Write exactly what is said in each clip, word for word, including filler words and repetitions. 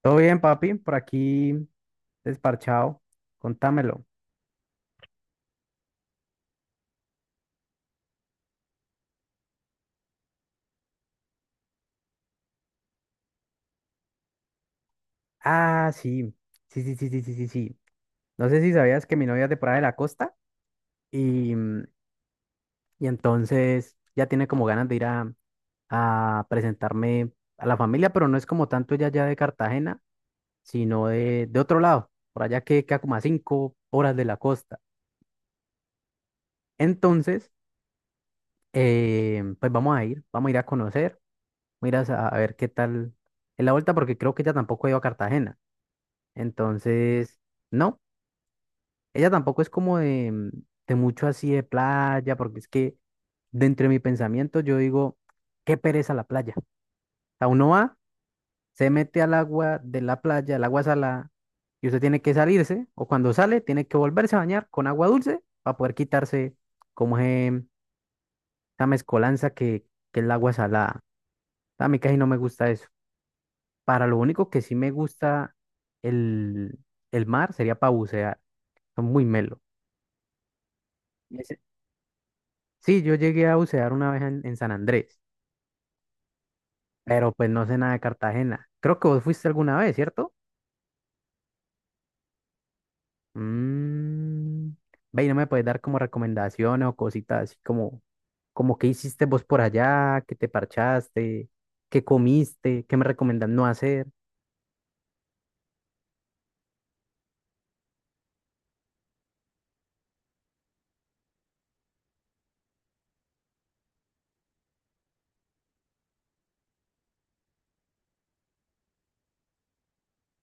Todo bien, papi, por aquí desparchado. Contámelo. Ah, sí. Sí, sí, sí, sí, sí, sí, sí. No sé si sabías que mi novia es de por ahí de la costa y, mm, y entonces ya tiene como ganas de ir a, a presentarme a la familia, pero no es como tanto ella ya de Cartagena, sino de, de otro lado, por allá que queda como a cinco horas de la costa. Entonces, eh, pues vamos a ir, vamos a ir a conocer, vamos a ir a, sa- a ver qué tal es la vuelta, porque creo que ella tampoco ha ido a Cartagena. Entonces, no, ella tampoco es como de, mm, de mucho así de playa, porque es que dentro de mi pensamiento yo digo, qué pereza la playa. O sea, uno va, se mete al agua de la playa, el agua salada, y usted tiene que salirse, o cuando sale, tiene que volverse a bañar con agua dulce para poder quitarse como ese- esa mezcolanza que, que es el agua salada. A mí casi no me gusta eso. Para lo único que sí me gusta el, el mar sería para bucear, son muy melo. Sí, yo llegué a bucear una vez en, en San Andrés, pero pues no sé nada de Cartagena. Creo que vos fuiste alguna vez, ¿cierto? Mm, ve, ¿y no me puedes dar como recomendaciones o cositas así como, como qué hiciste vos por allá, qué te parchaste, qué comiste, qué me recomendás no hacer?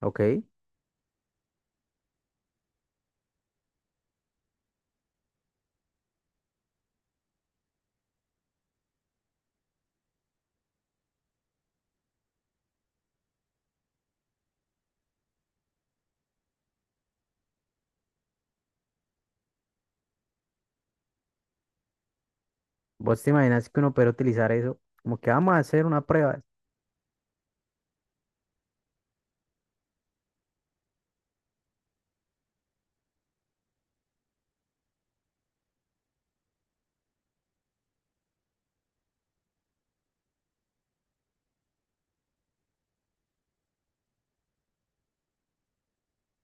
¿Ok? Vos te imaginas que uno puede utilizar eso, como que vamos a hacer una prueba.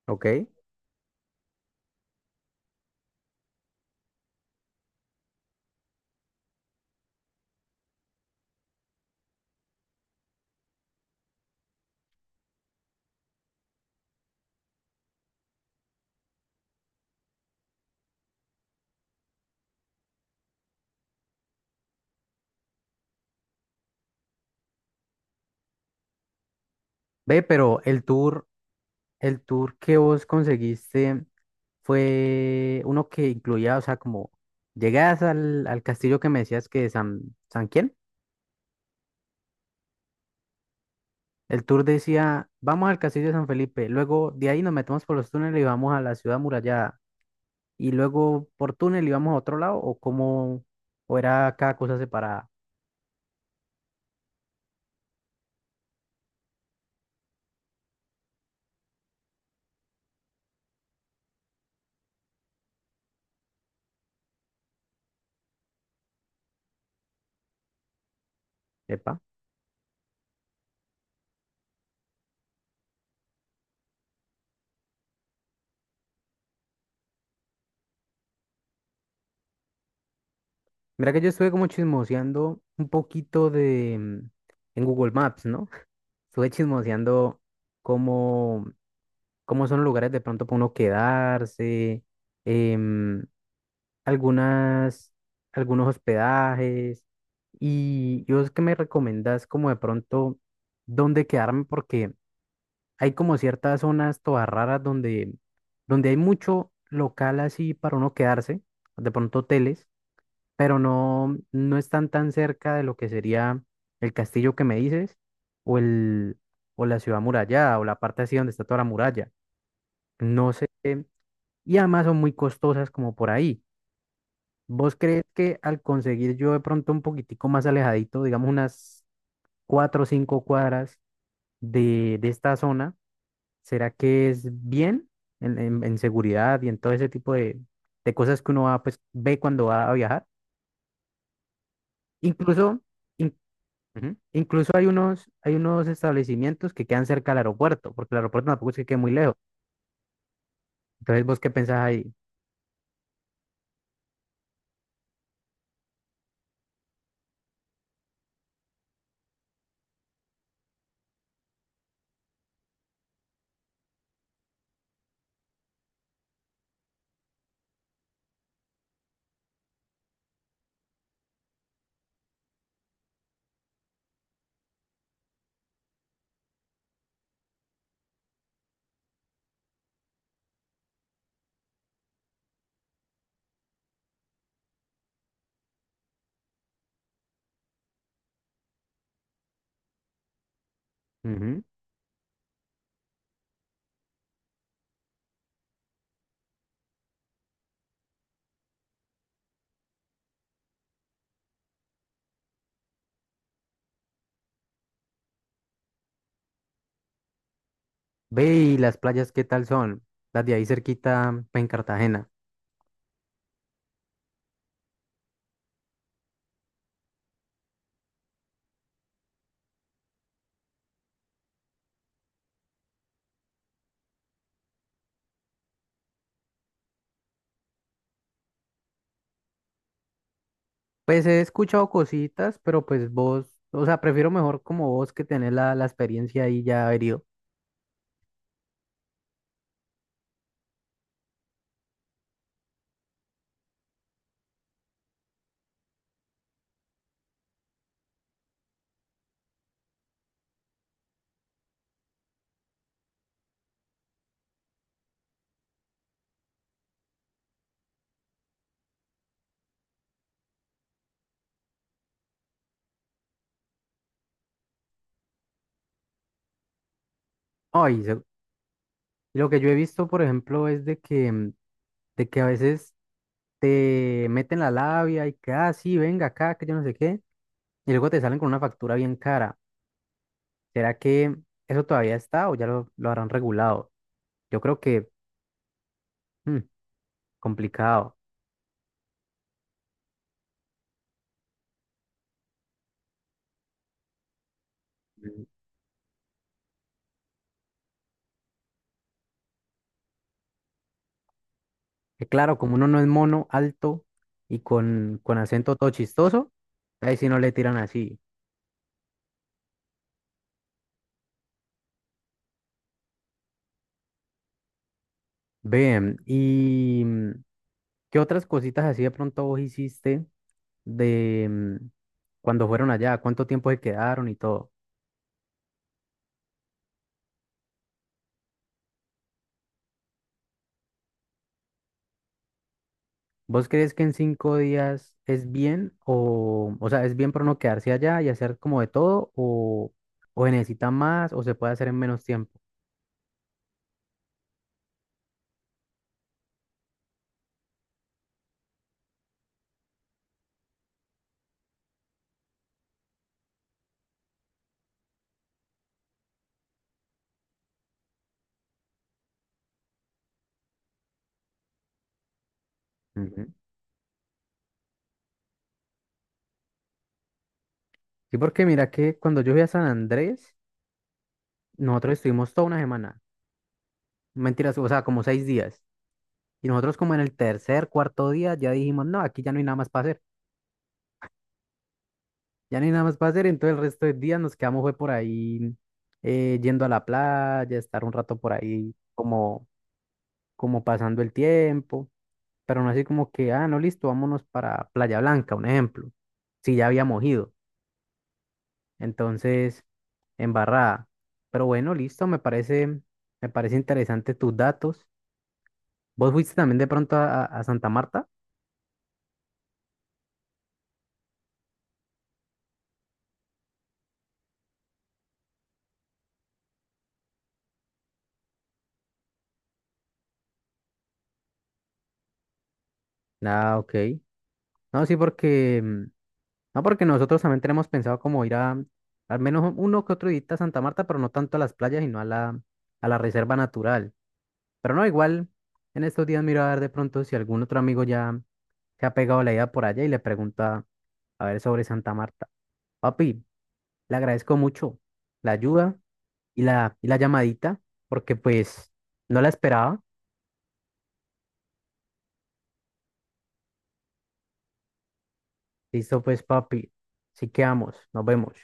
¿Ok? Ve, pero el tour, el tour que vos conseguiste fue uno que incluía, o sea, como llegadas al, al castillo que me decías que San, ¿San quién? El tour decía, vamos al castillo de San Felipe, luego de ahí nos metemos por los túneles y vamos a la ciudad murallada, y luego por túnel íbamos a otro lado, ¿o cómo, o era cada cosa separada? ¿Epa? Mira que yo estuve como chismoseando un poquito de mm, en Google Maps, ¿no? Estuve chismoseando cómo, cómo son los lugares de pronto para uno quedarse, em, algunas, algunos hospedajes. Y, y vos que me recomendás como de pronto dónde quedarme, porque hay como ciertas zonas todas raras donde, donde hay mucho local así para uno quedarse, de pronto hoteles, pero no, no están tan cerca de lo que sería el castillo que me dices, o el, o la ciudad amurallada o la parte así donde está toda la muralla. No sé, y además son muy costosas como por ahí. ¿Vos crees que al conseguir yo de pronto un poquitico más alejadito, digamos unas cuatro o cinco cuadras de, de esta zona, será que es bien en, en- en seguridad y en todo ese tipo de, de cosas que uno va, pues, ve cuando va a viajar? Incluso... Ujú. Incluso hay unos, hay unos establecimientos que quedan cerca del aeropuerto, porque el aeropuerto tampoco es que quede muy lejos. Entonces, ¿vos qué pensás ahí? Ujú. Ve, y las playas, ¿qué tal son? Las de ahí cerquita, pues, en Cartagena. Pues he escuchado cositas, pero pues vos, o sea, prefiero mejor como vos que tener la, la experiencia ahí ya herido. Ay, se- lo que yo he visto, por ejemplo, es de que, mm, de que a veces te meten la labia y que, ah, sí, venga acá, que yo no sé qué, y luego te salen con una factura bien cara. ¿Será que eso todavía está o ya lo, lo habrán regulado? Yo creo que mm, complicado. Mm, que claro, como uno no es mono, alto y con, con acento todo chistoso, ahí sí no le tiran así. Bien, ¿y mm, qué otras cositas así de pronto vos hiciste, de mm, cuando fueron allá? ¿Cuánto tiempo se quedaron y todo? ¿Vos crees que en cinco días es bien o, o sea, es bien para no quedarse allá y hacer como de todo, o, o se necesita más o se puede hacer en menos tiempo? Ujú. Sí, porque mira que cuando yo fui a San Andrés, nosotros estuvimos toda una semana, mentiras, o sea, como seis días. Y nosotros como en el tercer, cuarto día ya dijimos, no, aquí ya no hay nada más para hacer, ya no hay nada más para hacer, entonces el resto de días nos quedamos fue por ahí, eh, yendo a la playa, estar un rato por ahí como, como pasando el tiempo. Pero no así como que, ah, no, listo, vámonos para Playa Blanca, un ejemplo, si ya habíamos ido, entonces, embarrada. Pero bueno, listo, me parece, me parece interesante tus datos. ¿Vos fuiste también de pronto a, a- a Santa Marta? Ah, ok. No, sí, porque, mm, no, porque nosotros también tenemos pensado como ir a, al menos uno que otro día a Santa Marta, pero no tanto a las playas, sino a la, a la reserva natural. Pero no, igual, en estos días miro a ver de pronto si algún otro amigo ya se ha pegado la idea por allá y le pregunta a ver sobre Santa Marta. Papi, le agradezco mucho la ayuda y la, y la llamadita, porque pues no la esperaba. Listo, pues, papi. Así quedamos. Nos vemos.